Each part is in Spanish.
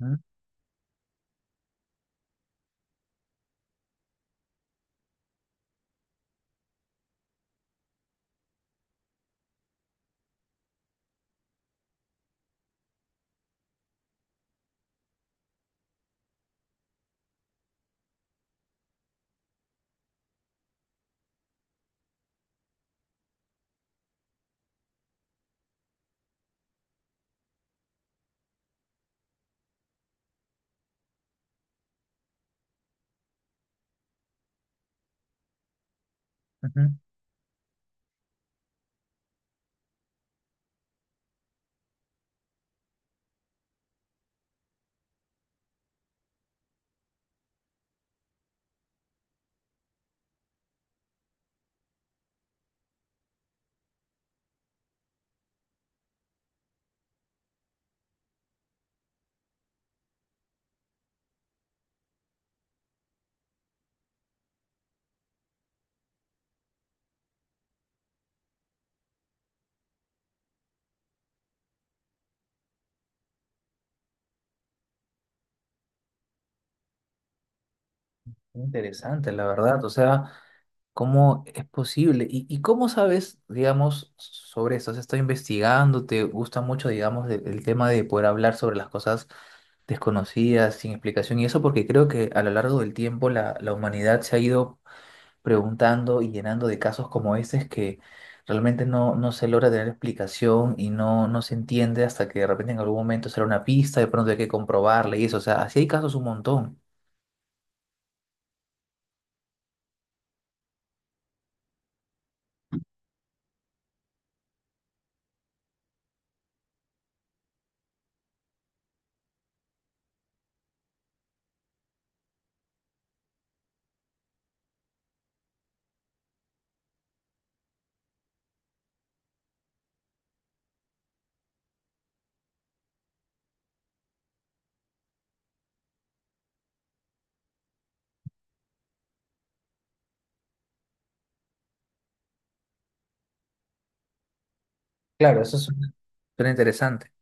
Ujú, ujú. Interesante, la verdad. O sea, ¿cómo es posible? ¿Y, cómo sabes, digamos, sobre esto? ¿Has estado investigando? ¿Te gusta mucho, digamos, el tema de poder hablar sobre las cosas desconocidas, sin explicación? Y eso porque creo que a lo largo del tiempo la humanidad se ha ido preguntando y llenando de casos como este que realmente no se logra tener explicación y no se entiende hasta que de repente en algún momento será una pista, de pronto hay que comprobarla y eso. O sea, así hay casos un montón. Claro, eso suena, suena interesante.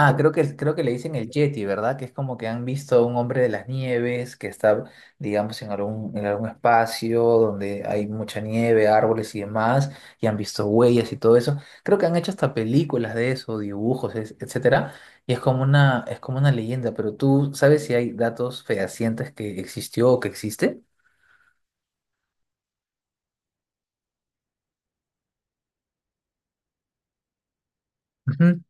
Ah, creo que le dicen el Yeti, ¿verdad? Que es como que han visto a un hombre de las nieves que está, digamos, en algún espacio donde hay mucha nieve, árboles y demás, y han visto huellas y todo eso. Creo que han hecho hasta películas de eso, dibujos, etcétera, y es como una leyenda, pero tú sabes si hay datos fehacientes que existió o que existe. Ujú.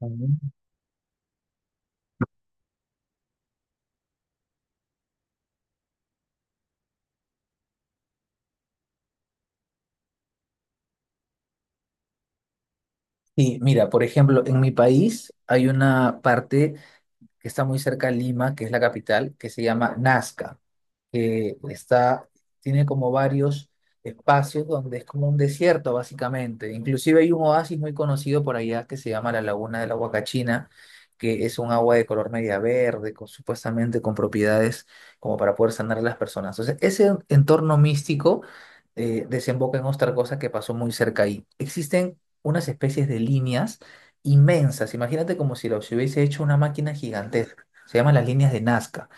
Ujú. Sí, mira, por ejemplo, en mi país hay una parte que está muy cerca de Lima, que es la capital, que se llama Nazca que está, tiene como varios espacios donde es como un desierto básicamente. Inclusive hay un oasis muy conocido por allá que se llama la Laguna de la Huacachina, que es un agua de color media verde, con, supuestamente con propiedades como para poder sanar a las personas. Entonces, ese entorno místico desemboca en otra cosa que pasó muy cerca ahí. Existen unas especies de líneas inmensas, imagínate como si lo si hubiese hecho una máquina gigantesca. Se llaman las líneas de Nazca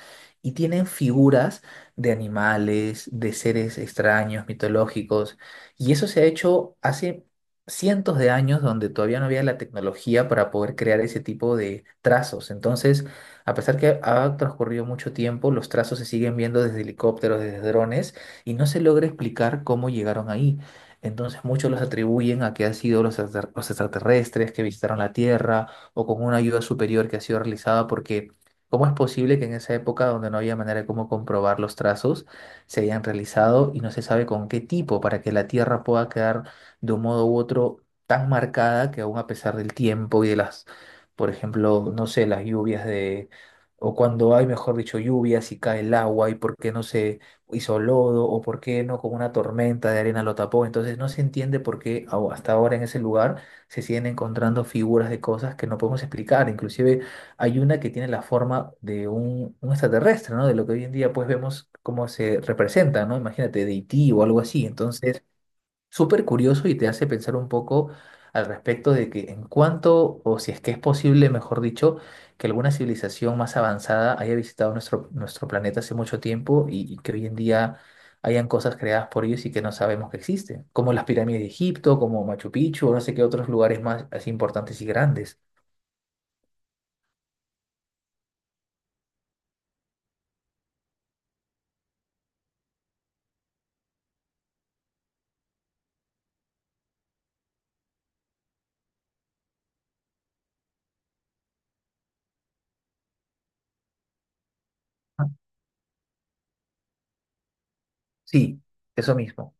y tienen figuras de animales, de seres extraños, mitológicos. Y eso se ha hecho hace cientos de años donde todavía no había la tecnología para poder crear ese tipo de trazos. Entonces, a pesar que ha transcurrido mucho tiempo, los trazos se siguen viendo desde helicópteros, desde drones, y no se logra explicar cómo llegaron ahí. Entonces muchos los atribuyen a que han sido los, los extraterrestres que visitaron la Tierra o con una ayuda superior que ha sido realizada porque ¿cómo es posible que en esa época donde no había manera de cómo comprobar los trazos se hayan realizado y no se sabe con qué tipo para que la Tierra pueda quedar de un modo u otro tan marcada que aún a pesar del tiempo y de las, por ejemplo, no sé, las lluvias de, o cuando hay, mejor dicho, lluvias y cae el agua y por qué no se hizo lodo o por qué no con una tormenta de arena lo tapó? Entonces no se entiende por qué hasta ahora en ese lugar se siguen encontrando figuras de cosas que no podemos explicar, inclusive hay una que tiene la forma de un extraterrestre, ¿no? De lo que hoy en día pues vemos cómo se representa, ¿no? Imagínate, de E.T. o algo así. Entonces, súper curioso y te hace pensar un poco al respecto de que en cuanto, o si es que es posible, mejor dicho, que alguna civilización más avanzada haya visitado nuestro, nuestro planeta hace mucho tiempo y que hoy en día hayan cosas creadas por ellos y que no sabemos que existen, como las pirámides de Egipto, como Machu Picchu, o no sé qué otros lugares más así importantes y grandes. Ah, sí, eso mismo.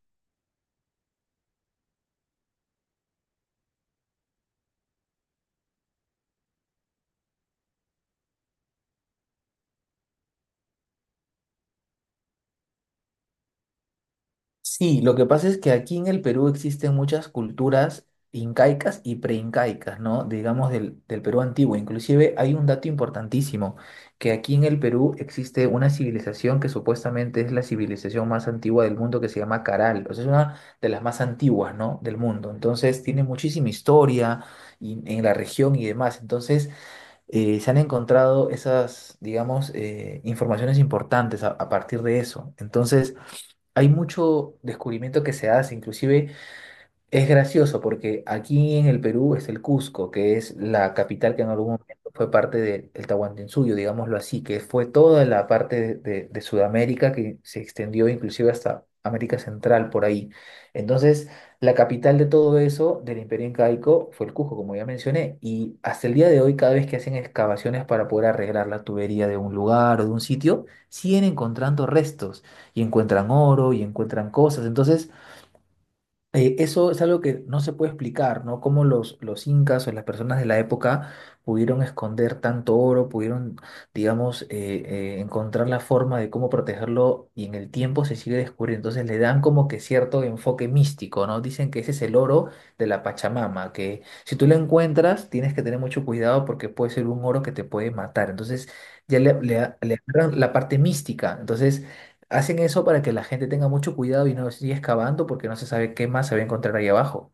Sí, lo que pasa es que aquí en el Perú existen muchas culturas incaicas y preincaicas, ¿no? Digamos del Perú antiguo. Inclusive hay un dato importantísimo, que aquí en el Perú existe una civilización que supuestamente es la civilización más antigua del mundo que se llama Caral. O sea, es una de las más antiguas, ¿no? Del mundo. Entonces tiene muchísima historia y- en la región y demás. Entonces se han encontrado esas, digamos, informaciones importantes a partir de eso. Entonces... Hay mucho descubrimiento que se hace, inclusive es gracioso porque aquí en el Perú es el Cusco, que es la capital que en algún momento fue parte del Tahuantinsuyo, digámoslo así, que fue toda la parte de, de Sudamérica que se extendió inclusive hasta América Central por ahí. Entonces, la capital de todo eso del Imperio Incaico fue el Cusco, como ya mencioné, y hasta el día de hoy cada vez que hacen excavaciones para poder arreglar la tubería de un lugar o de un sitio, siguen encontrando restos y encuentran oro y encuentran cosas. Entonces, eso es algo que no se puede explicar, ¿no? Cómo los incas o las personas de la época pudieron esconder tanto oro, pudieron, digamos, encontrar la forma de cómo protegerlo y en el tiempo se sigue descubriendo. Entonces le dan como que cierto enfoque místico, ¿no? Dicen que ese es el oro de la Pachamama, que si tú lo encuentras tienes que tener mucho cuidado porque puede ser un oro que te puede matar. Entonces ya le agarran la parte mística. Entonces... Hacen eso para que la gente tenga mucho cuidado y no siga excavando porque no se sabe qué más se va a encontrar ahí abajo.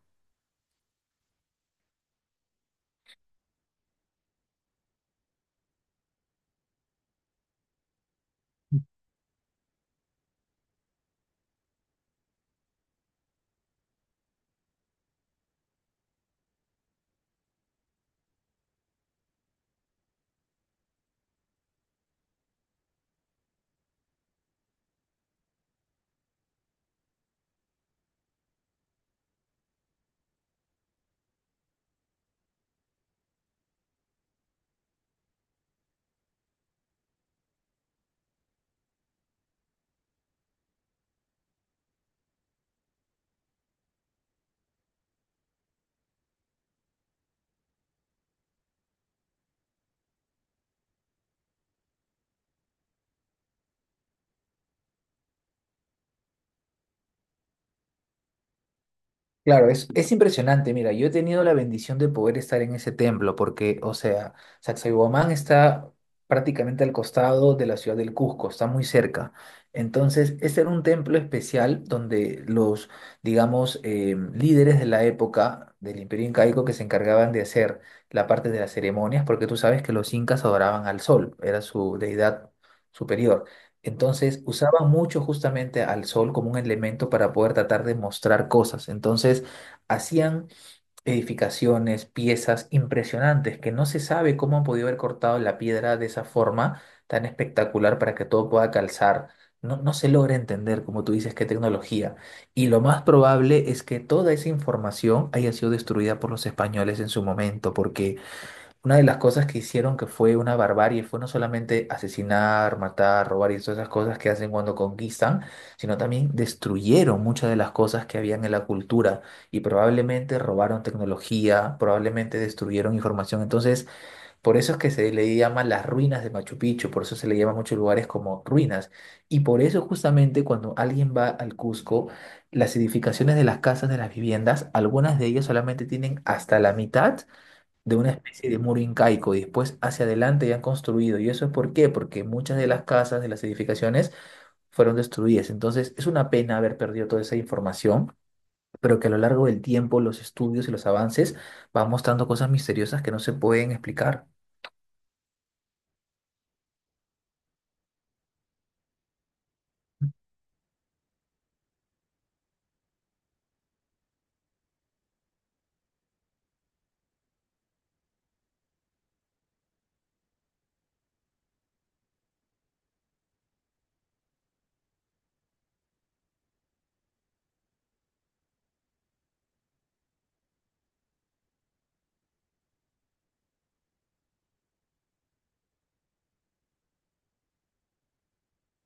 Claro, es impresionante. Mira, yo he tenido la bendición de poder estar en ese templo porque, o sea, Sacsayhuamán está prácticamente al costado de la ciudad del Cusco, está muy cerca. Entonces, este era un templo especial donde los, digamos, líderes de la época del Imperio Incaico que se encargaban de hacer la parte de las ceremonias, porque tú sabes que los incas adoraban al sol, era su deidad superior. Entonces usaban mucho justamente al sol como un elemento para poder tratar de mostrar cosas. Entonces hacían edificaciones, piezas impresionantes que no se sabe cómo han podido haber cortado la piedra de esa forma tan espectacular para que todo pueda calzar. No, no se logra entender, como tú dices, qué tecnología. Y lo más probable es que toda esa información haya sido destruida por los españoles en su momento, porque una de las cosas que hicieron que fue una barbarie fue no solamente asesinar, matar, robar y todas esas cosas que hacen cuando conquistan, sino también destruyeron muchas de las cosas que habían en la cultura y probablemente robaron tecnología, probablemente destruyeron información. Entonces, por eso es que se le llama las ruinas de Machu Picchu, por eso se le llama a muchos lugares como ruinas. Y por eso justamente cuando alguien va al Cusco, las edificaciones de las casas, de las viviendas, algunas de ellas solamente tienen hasta la mitad de una especie de muro incaico y después hacia adelante ya han construido. ¿Y eso es por qué? Porque muchas de las casas, de las edificaciones, fueron destruidas. Entonces, es una pena haber perdido toda esa información, pero que a lo largo del tiempo los estudios y los avances van mostrando cosas misteriosas que no se pueden explicar.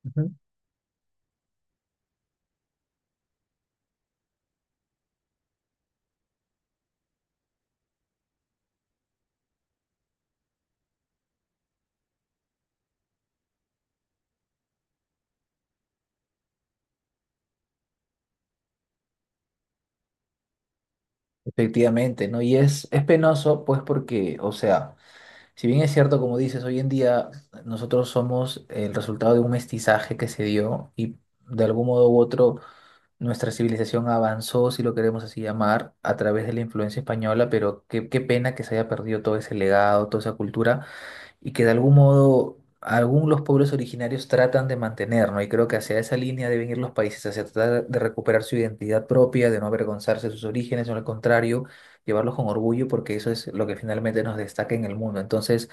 Ujú. Efectivamente, ¿no? Y es penoso, pues porque, o sea, si bien es cierto, como dices, hoy en día nosotros somos el resultado de un mestizaje que se dio y de algún modo u otro nuestra civilización avanzó, si lo queremos así llamar, a través de la influencia española, pero qué, qué pena que se haya perdido todo ese legado, toda esa cultura, y que de algún modo algunos los pueblos originarios tratan de mantener, ¿no? Y creo que hacia esa línea deben ir los países, hacia tratar de recuperar su identidad propia, de no avergonzarse de sus orígenes, o al contrario, llevarlos con orgullo, porque eso es lo que finalmente nos destaca en el mundo. Entonces,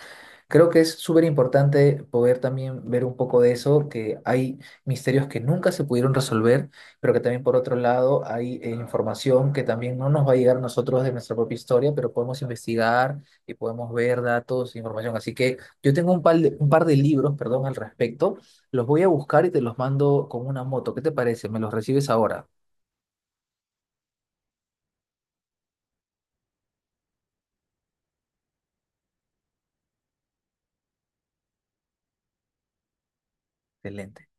creo que es súper importante poder también ver un poco de eso, que hay misterios que nunca se pudieron resolver, pero que también por otro lado hay información que también no nos va a llegar a nosotros de nuestra propia historia, pero podemos investigar y podemos ver datos, e información. Así que yo tengo un par de libros, perdón, al respecto. Los voy a buscar y te los mando con una moto. ¿Qué te parece? ¿Me los recibes ahora? Excelente.